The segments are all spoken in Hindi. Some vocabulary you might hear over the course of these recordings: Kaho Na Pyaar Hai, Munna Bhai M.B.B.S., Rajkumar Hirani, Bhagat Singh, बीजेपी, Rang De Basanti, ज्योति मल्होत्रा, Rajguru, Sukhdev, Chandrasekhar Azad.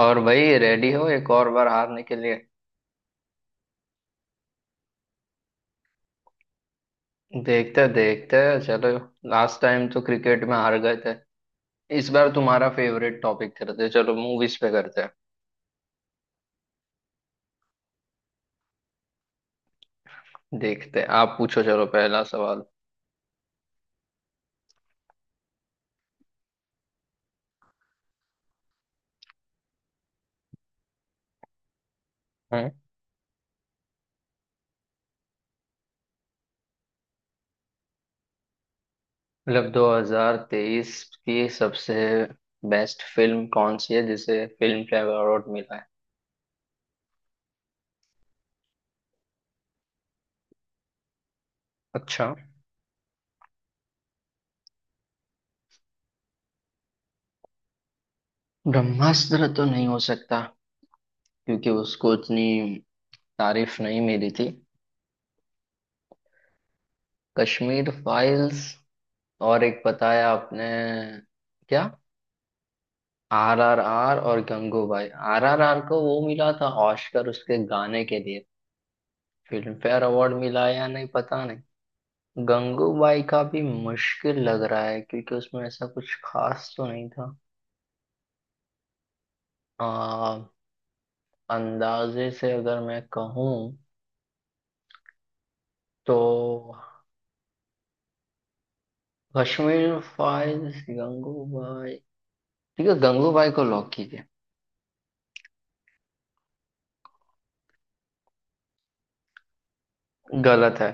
और भाई रेडी हो एक और बार हारने के लिए। देखते देखते। चलो, लास्ट टाइम तो क्रिकेट में हार गए थे। इस बार तुम्हारा फेवरेट टॉपिक करते हैं। चलो, मूवीज पे करते हैं। देखते हैं, आप पूछो। चलो, पहला सवाल। हम्म। मतलब 2023 की सबसे बेस्ट फिल्म कौन सी है जिसे फिल्म फेयर अवार्ड मिला है? अच्छा। ब्रह्मास्त्र तो नहीं हो सकता, क्योंकि उसको इतनी तारीफ नहीं मिली थी। कश्मीर फाइल्स, और एक बताया आपने क्या? आर आर आर और गंगूबाई। आर आर आर को वो मिला था ऑस्कर उसके गाने के लिए। फिल्म फेयर अवार्ड मिला है या नहीं, पता नहीं। गंगूबाई का भी मुश्किल लग रहा है, क्योंकि उसमें ऐसा कुछ खास तो नहीं था। आ, अंदाजे से अगर मैं कहूँ तो कश्मीर फाइल्स, गंगूबाई। ठीक है, गंगूबाई को लॉक कीजिए। गलत है?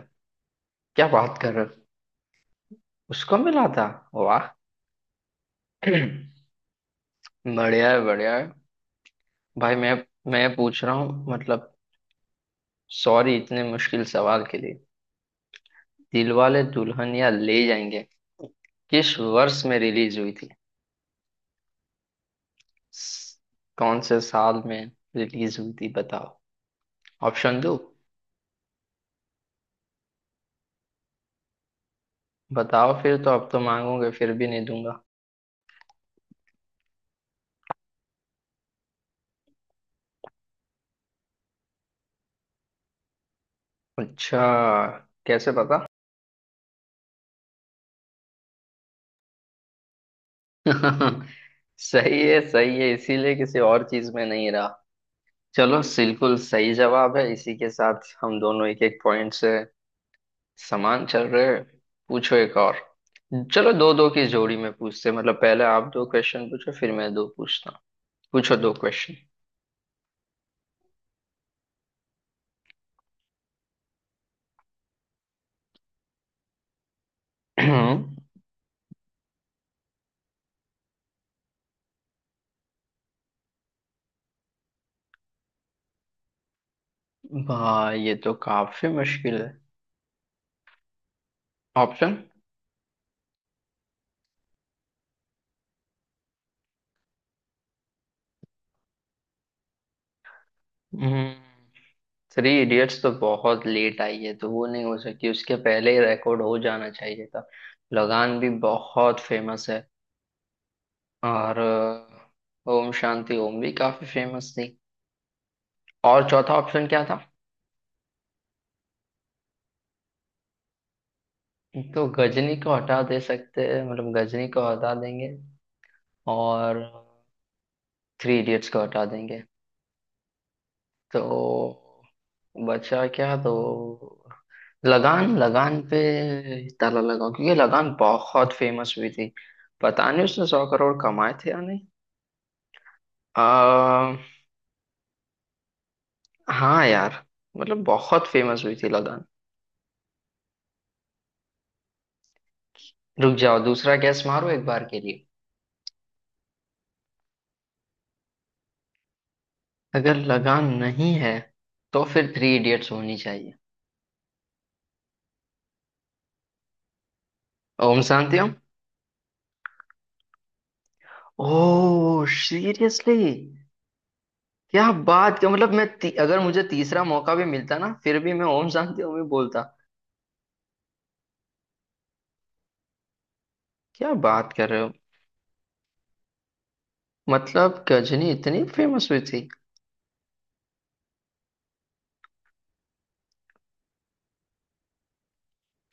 क्या बात कर रहे हो! उसको मिला था? वाह! बढ़िया है, बढ़िया है। भाई, मैं पूछ रहा हूँ, मतलब सॉरी इतने मुश्किल सवाल के लिए। दिलवाले दुल्हनिया ले जाएंगे किस वर्ष में रिलीज हुई थी? स- कौन से साल में रिलीज हुई थी बताओ, ऑप्शन दो। बताओ फिर, तो अब तो मांगोगे फिर भी नहीं दूंगा। अच्छा, कैसे पता? सही है, सही है। इसीलिए किसी और चीज में नहीं रहा। चलो, बिल्कुल सही जवाब है। इसी के साथ हम दोनों एक एक पॉइंट से समान चल रहे हैं। पूछो एक और। चलो, दो दो की जोड़ी में पूछते हैं। मतलब पहले आप दो क्वेश्चन पूछो, फिर मैं दो पूछता हूँ। पूछो दो क्वेश्चन। वाह, ये तो काफी मुश्किल है। ऑप्शन? थ्री इडियट्स तो बहुत लेट आई है तो वो नहीं हो सकती, उसके पहले ही रिकॉर्ड हो जाना चाहिए था। लगान भी बहुत फेमस है, और ओम शांति ओम भी काफी फेमस थी। और चौथा ऑप्शन क्या था? तो गजनी को हटा दे सकते हैं, मतलब गजनी को हटा देंगे और थ्री इडियट्स को हटा देंगे, तो बचा क्या? तो लगान, लगान पे ताला लगाओ क्योंकि लगान बहुत फेमस हुई थी। पता नहीं उसने 100 करोड़ कमाए थे या नहीं। आ, हाँ यार, मतलब बहुत फेमस हुई थी लगान। रुक जाओ, दूसरा गैस मारो एक बार के लिए। अगर लगान नहीं है तो फिर थ्री इडियट्स होनी चाहिए। ओम शांति ओम? ओह, सीरियसली! क्या बात! क्या मतलब, मैं अगर मुझे तीसरा मौका भी मिलता ना, फिर भी मैं ओम शांति ओम ही बोलता। क्या बात कर रहे हो! मतलब गजनी इतनी फेमस हुई थी?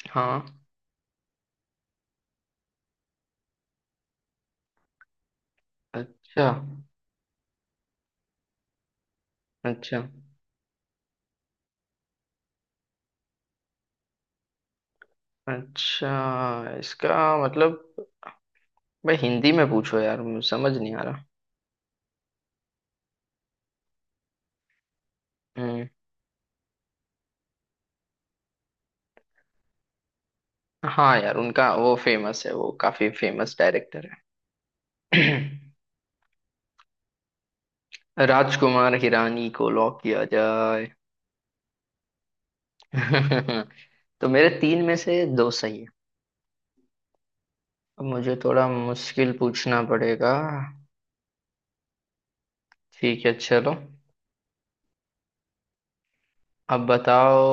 हाँ। अच्छा, अच्छा, अच्छा। इसका मतलब, मैं हिंदी में पूछो यार, मुझे समझ नहीं आ रहा। हम्म, हाँ यार, उनका वो फेमस है, वो काफी फेमस डायरेक्टर है। राजकुमार हिरानी को लॉक किया जाए। तो मेरे तीन में से दो सही है। अब मुझे थोड़ा मुश्किल पूछना पड़ेगा। ठीक है, चलो। अब बताओ,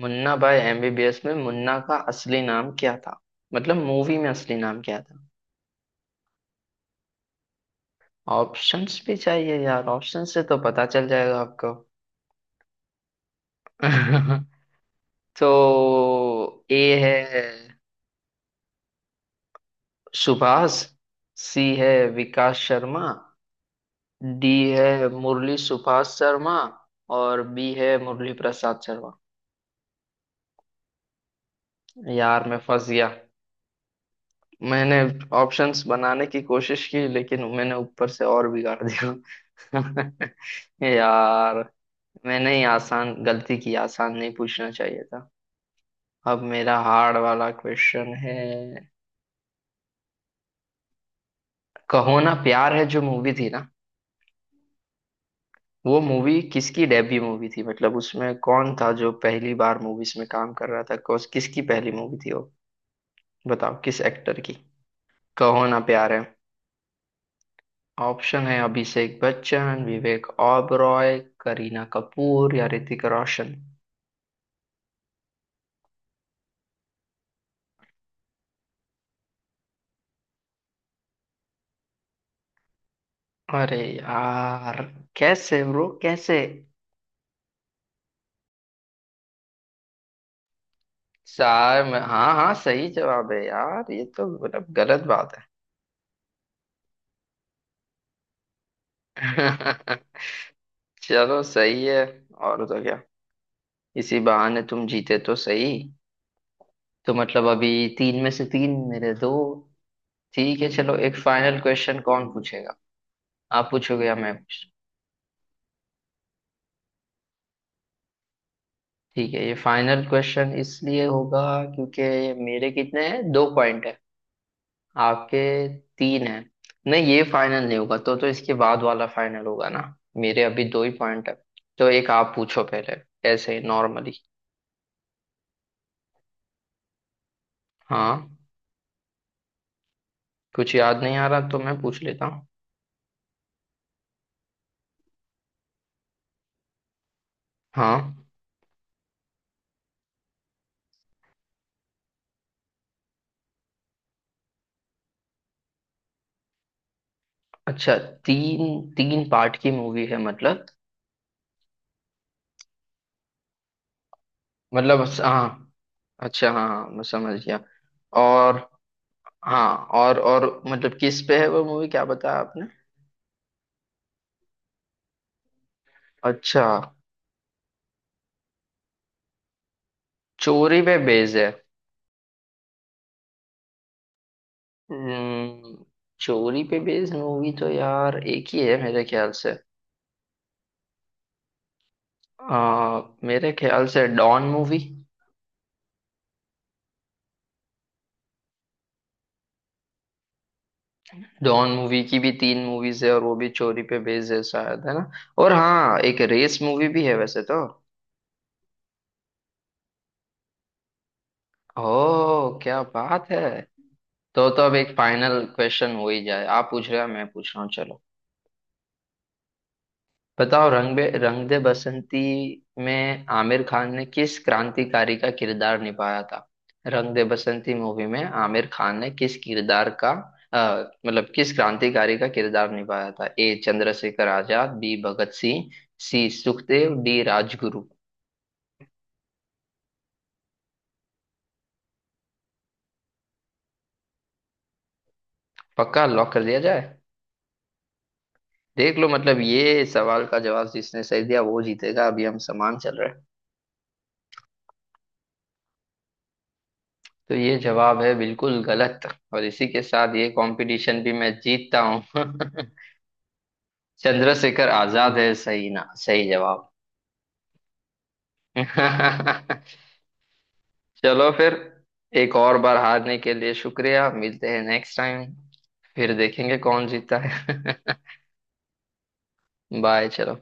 मुन्ना भाई एमबीबीएस में मुन्ना का असली नाम क्या था? मतलब मूवी में असली नाम क्या था? ऑप्शंस भी चाहिए यार? ऑप्शन से तो पता चल जाएगा आपको। तो ए है सुभाष, सी है विकास शर्मा, डी है मुरली सुभाष शर्मा, और बी है मुरली प्रसाद शर्मा। यार, मैं फंस गया। मैंने ऑप्शंस बनाने की कोशिश की, लेकिन मैंने ऊपर से और बिगाड़ दिया यार। मैंने ही आसान गलती की, आसान नहीं पूछना चाहिए था। अब मेरा हार्ड वाला क्वेश्चन है। कहो ना प्यार है जो मूवी थी ना, वो मूवी किसकी डेब्यू मूवी थी? मतलब उसमें कौन था जो पहली बार मूवीज में काम कर रहा था? कौस किसकी पहली मूवी थी वो, बताओ किस एक्टर की, कहो ना प्यार है। ऑप्शन है अभिषेक बच्चन, विवेक ओबरॉय, करीना कपूर या ऋतिक रोशन। अरे यार! कैसे ब्रो, कैसे! सार में हाँ हाँ, सही जवाब है यार, ये तो मतलब गलत बात है। चलो, सही है। और तो क्या, इसी बहाने तुम जीते तो सही। तो मतलब अभी तीन में से तीन, मेरे दो। ठीक है, चलो, एक फाइनल क्वेश्चन। कौन पूछेगा, आप पूछोगे या मैं पूछूं? ठीक है, ये फाइनल क्वेश्चन इसलिए होगा क्योंकि मेरे कितने हैं, दो पॉइंट है, आपके तीन है। नहीं, ये फाइनल नहीं होगा, तो इसके बाद वाला फाइनल होगा ना। मेरे अभी दो ही पॉइंट है। तो एक आप पूछो पहले, ऐसे नॉर्मली। हाँ। कुछ याद नहीं आ रहा तो मैं पूछ लेता हूँ। हाँ। अच्छा, तीन, तीन पार्ट की मूवी है मतलब? मतलब हाँ। अच्छा, हाँ हाँ, मैं समझ गया। और हाँ, और मतलब किस पे है वो मूवी, क्या बताया आपने? अच्छा, चोरी पे बेस्ड है। हम्म, चोरी पे बेस्ड मूवी तो यार एक ही है मेरे ख्याल से। मेरे ख्याल से डॉन मूवी। डॉन मूवी की भी तीन मूवीज है और वो भी चोरी पे बेस्ड है शायद, है ना? और हाँ, एक रेस मूवी भी है वैसे तो। ओ, क्या बात है! तो अब एक फाइनल क्वेश्चन हो ही जाए। आप पूछ रहे हैं, मैं पूछ रहा हूँ, चलो। बताओ, रंग दे बसंती में आमिर खान ने किस क्रांतिकारी का किरदार निभाया था? रंग दे बसंती मूवी में आमिर खान ने किस किरदार का, मतलब किस क्रांतिकारी का किरदार निभाया था? A Chandrashekhar Azad, B Bhagat Singh, C Sukhdev, D Rajguru. पक्का, लॉक कर दिया जाए? देख लो, मतलब ये सवाल का जवाब जिसने सही दिया वो जीतेगा, अभी हम समान चल रहे हैं। तो ये जवाब है बिल्कुल गलत, और इसी के साथ ये कंपटीशन भी मैं जीतता हूँ। चंद्रशेखर आजाद है सही ना, सही जवाब। चलो फिर, एक और बार हारने के लिए शुक्रिया। मिलते हैं नेक्स्ट टाइम, फिर देखेंगे कौन जीता है। बाय, चलो।